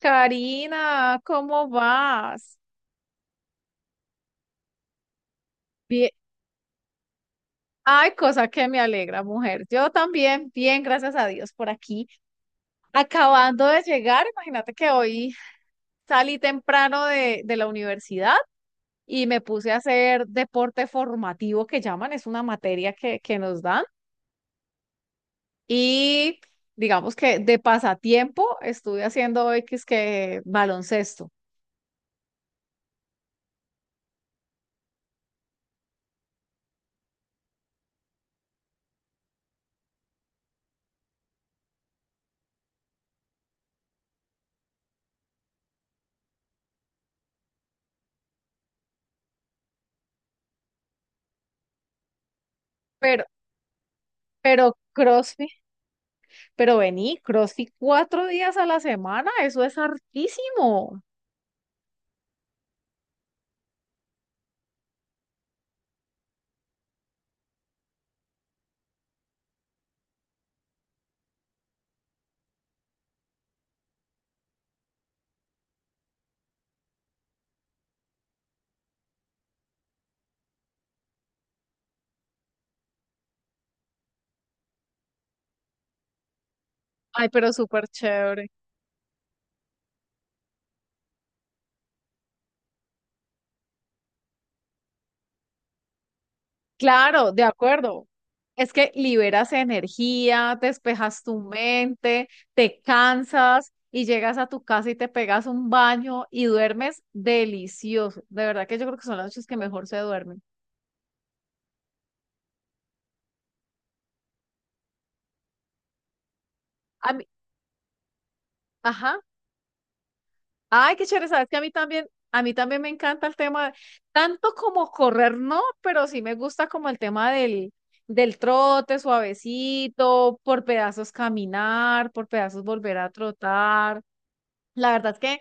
Karina, ¿cómo vas? Bien. Ay, cosa que me alegra, mujer. Yo también, bien, gracias a Dios, por aquí. Acabando de llegar, imagínate que hoy salí temprano de la universidad y me puse a hacer deporte formativo que llaman, es una materia que nos dan. Y digamos que de pasatiempo estuve haciendo hoy que es que baloncesto, pero, pero CrossFit. Pero vení, CrossFit cuatro días a la semana, eso es hartísimo. Ay, pero súper chévere. Claro, de acuerdo. Es que liberas energía, despejas tu mente, te cansas y llegas a tu casa y te pegas un baño y duermes delicioso. De verdad que yo creo que son las noches que mejor se duermen. A mí, ajá. Ay, qué chévere, sabes que a mí también me encanta el tema, tanto como correr, no, pero sí me gusta como el tema del trote suavecito, por pedazos caminar, por pedazos volver a trotar. La verdad es que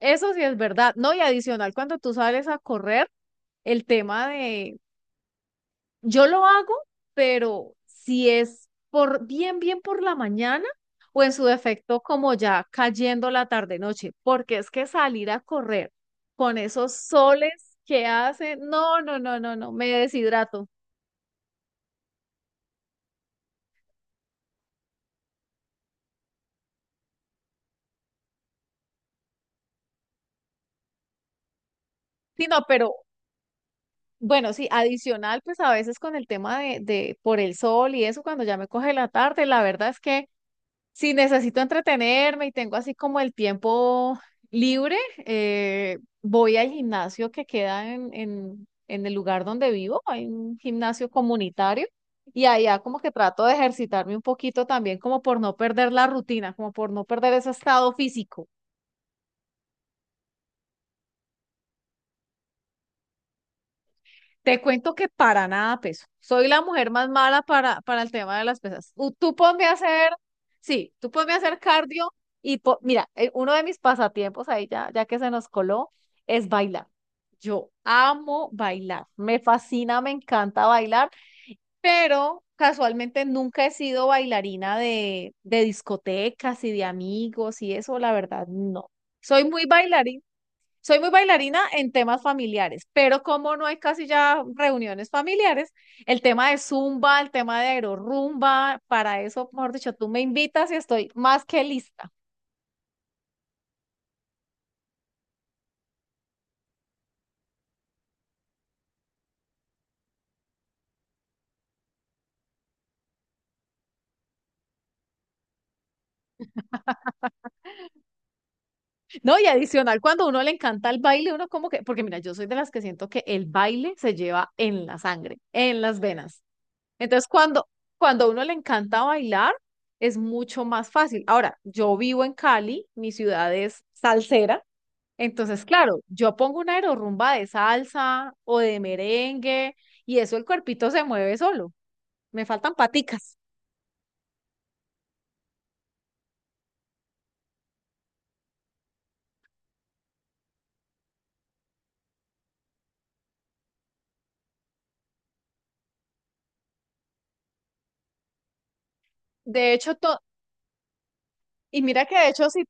eso sí es verdad, ¿no? Y adicional, cuando tú sales a correr, el tema de yo lo hago, pero si es por bien, bien por la mañana o en su defecto como ya cayendo la tarde-noche, porque es que salir a correr con esos soles que hacen, no, no, no, no, no, me deshidrato. Sí, no, pero bueno, sí, adicional, pues a veces con el tema de por el sol y eso, cuando ya me coge la tarde, la verdad es que si necesito entretenerme y tengo así como el tiempo libre, voy al gimnasio que queda en el lugar donde vivo. Hay un gimnasio comunitario y allá como que trato de ejercitarme un poquito también como por no perder la rutina, como por no perder ese estado físico. Te cuento que para nada peso. Soy la mujer más mala para el tema de las pesas. Tú ponme a hacer, sí, tú ponme a hacer cardio y po- mira, uno de mis pasatiempos ahí ya, ya que se nos coló es bailar. Yo amo bailar, me fascina, me encanta bailar, pero casualmente nunca he sido bailarina de discotecas y de amigos y eso, la verdad, no. Soy muy bailarina soy muy bailarina en temas familiares, pero como no hay casi ya reuniones familiares, el tema de zumba, el tema de aerorumba, para eso, mejor dicho, tú me invitas y estoy más que lista. No, y adicional, cuando a uno le encanta el baile, uno como que, porque mira, yo soy de las que siento que el baile se lleva en la sangre, en las venas. Entonces, cuando a uno le encanta bailar, es mucho más fácil. Ahora, yo vivo en Cali, mi ciudad es salsera. Entonces, claro, yo pongo una aerorrumba de salsa o de merengue y eso el cuerpito se mueve solo. Me faltan paticas. De hecho, to- y mira que de hecho, si,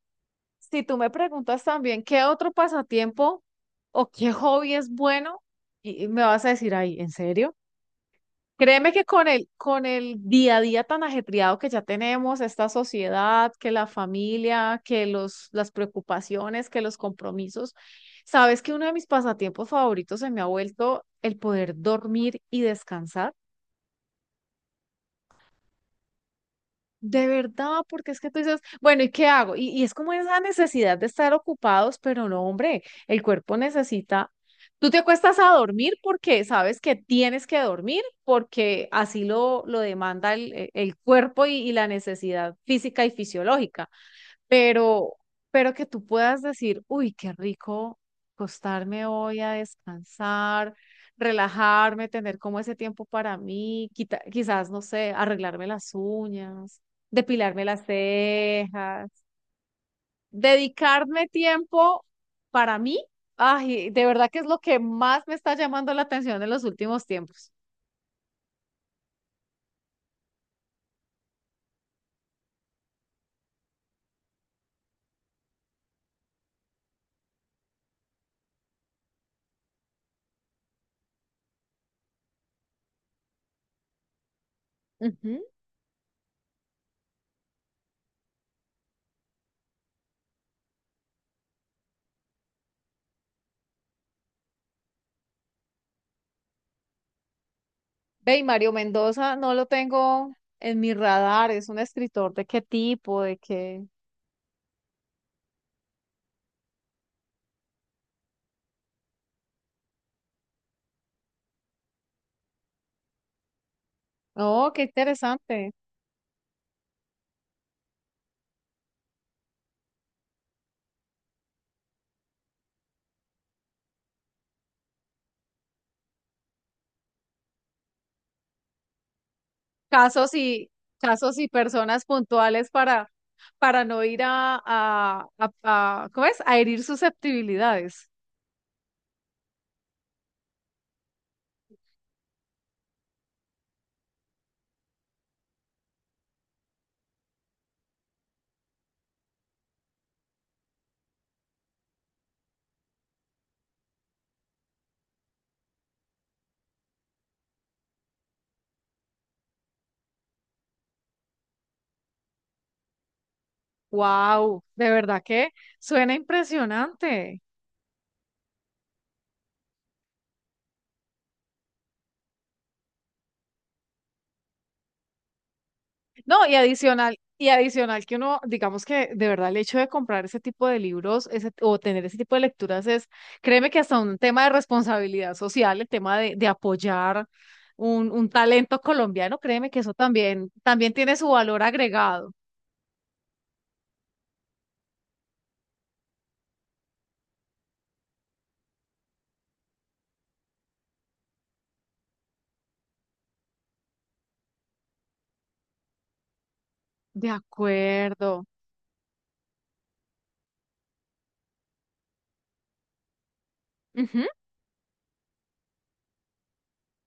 si tú me preguntas también qué otro pasatiempo o qué hobby es bueno, y me vas a decir, ay, ¿en serio? Créeme que con el día a día tan ajetreado que ya tenemos, esta sociedad, que la familia, que los, las preocupaciones, que los compromisos, sabes que uno de mis pasatiempos favoritos se me ha vuelto el poder dormir y descansar. De verdad, porque es que tú dices, bueno, ¿y qué hago? Y es como esa necesidad de estar ocupados, pero no, hombre, el cuerpo necesita, tú te acuestas a dormir porque sabes que tienes que dormir, porque así lo demanda el cuerpo y la necesidad física y fisiológica pero, pero que tú puedas decir, uy, qué rico acostarme hoy a descansar, relajarme, tener como ese tiempo para mí, quita- quizás, no sé, arreglarme las uñas, depilarme las cejas, dedicarme tiempo para mí, ay, de verdad que es lo que más me está llamando la atención en los últimos tiempos. Ujú. Ve, y Mario Mendoza no lo tengo en mi radar, es un escritor de qué tipo, de qué. Oh, qué interesante. Casos y casos y personas puntuales para no ir a- ¿cómo es? A herir susceptibilidades. Wow, de verdad que suena impresionante. No, y adicional que uno, digamos que de verdad el hecho de comprar ese tipo de libros ese- o tener ese tipo de lecturas es, créeme que hasta un tema de responsabilidad social, el tema de apoyar un talento colombiano, créeme que eso también, también tiene su valor agregado. De acuerdo. Ujú.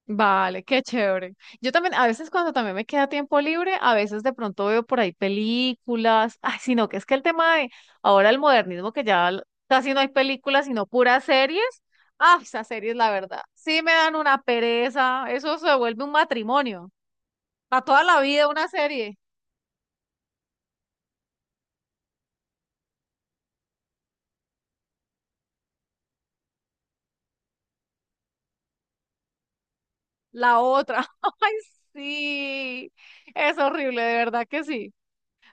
Vale, qué chévere. Yo también, a veces cuando también me queda tiempo libre, a veces de pronto veo por ahí películas. Ay, sino que es que el tema de ahora el modernismo, que ya l- casi no hay películas, sino puras series. Ah, esas series, la verdad, sí me dan una pereza. Eso se vuelve un matrimonio. Para toda la vida una serie, la otra. Ay, sí. Es horrible, de verdad que sí.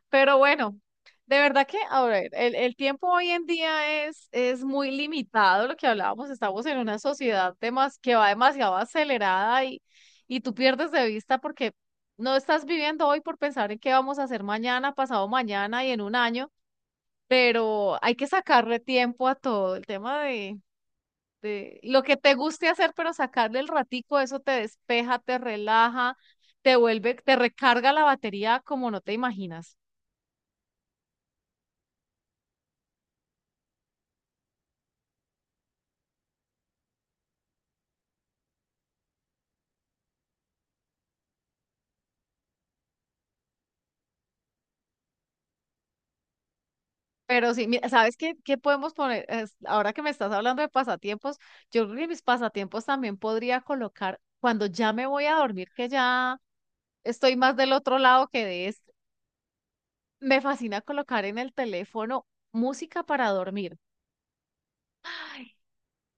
Pero bueno, de verdad que, a ver, el tiempo hoy en día es muy limitado, lo que hablábamos, estamos en una sociedad demas- que va demasiado acelerada y tú pierdes de vista porque no estás viviendo hoy por pensar en qué vamos a hacer mañana, pasado mañana y en un año, pero hay que sacarle tiempo a todo, el tema de lo que te guste hacer, pero sacarle el ratico, eso te despeja, te relaja, te vuelve, te recarga la batería como no te imaginas. Pero sí, mira, ¿sabes qué, qué podemos poner? Es- ahora que me estás hablando de pasatiempos, yo creo que mis pasatiempos también podría colocar cuando ya me voy a dormir, que ya estoy más del otro lado que de este. Me fascina colocar en el teléfono música para dormir.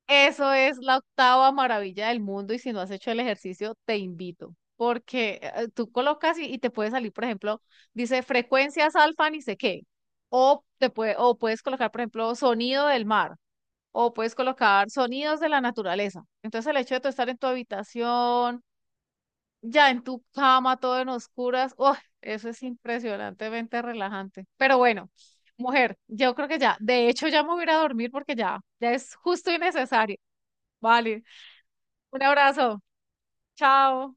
Eso es la octava maravilla del mundo y si no has hecho el ejercicio, te invito, porque tú colocas y te puede salir, por ejemplo, dice frecuencias alfa ni sé qué, o te puede, o puedes colocar, por ejemplo, sonido del mar o puedes colocar sonidos de la naturaleza. Entonces el hecho de tú estar en tu habitación, ya en tu cama, todo en oscuras, ¡oh! Eso es impresionantemente relajante. Pero bueno, mujer, yo creo que ya, de hecho ya me voy a ir a dormir porque ya, ya es justo y necesario. Vale, un abrazo, chao.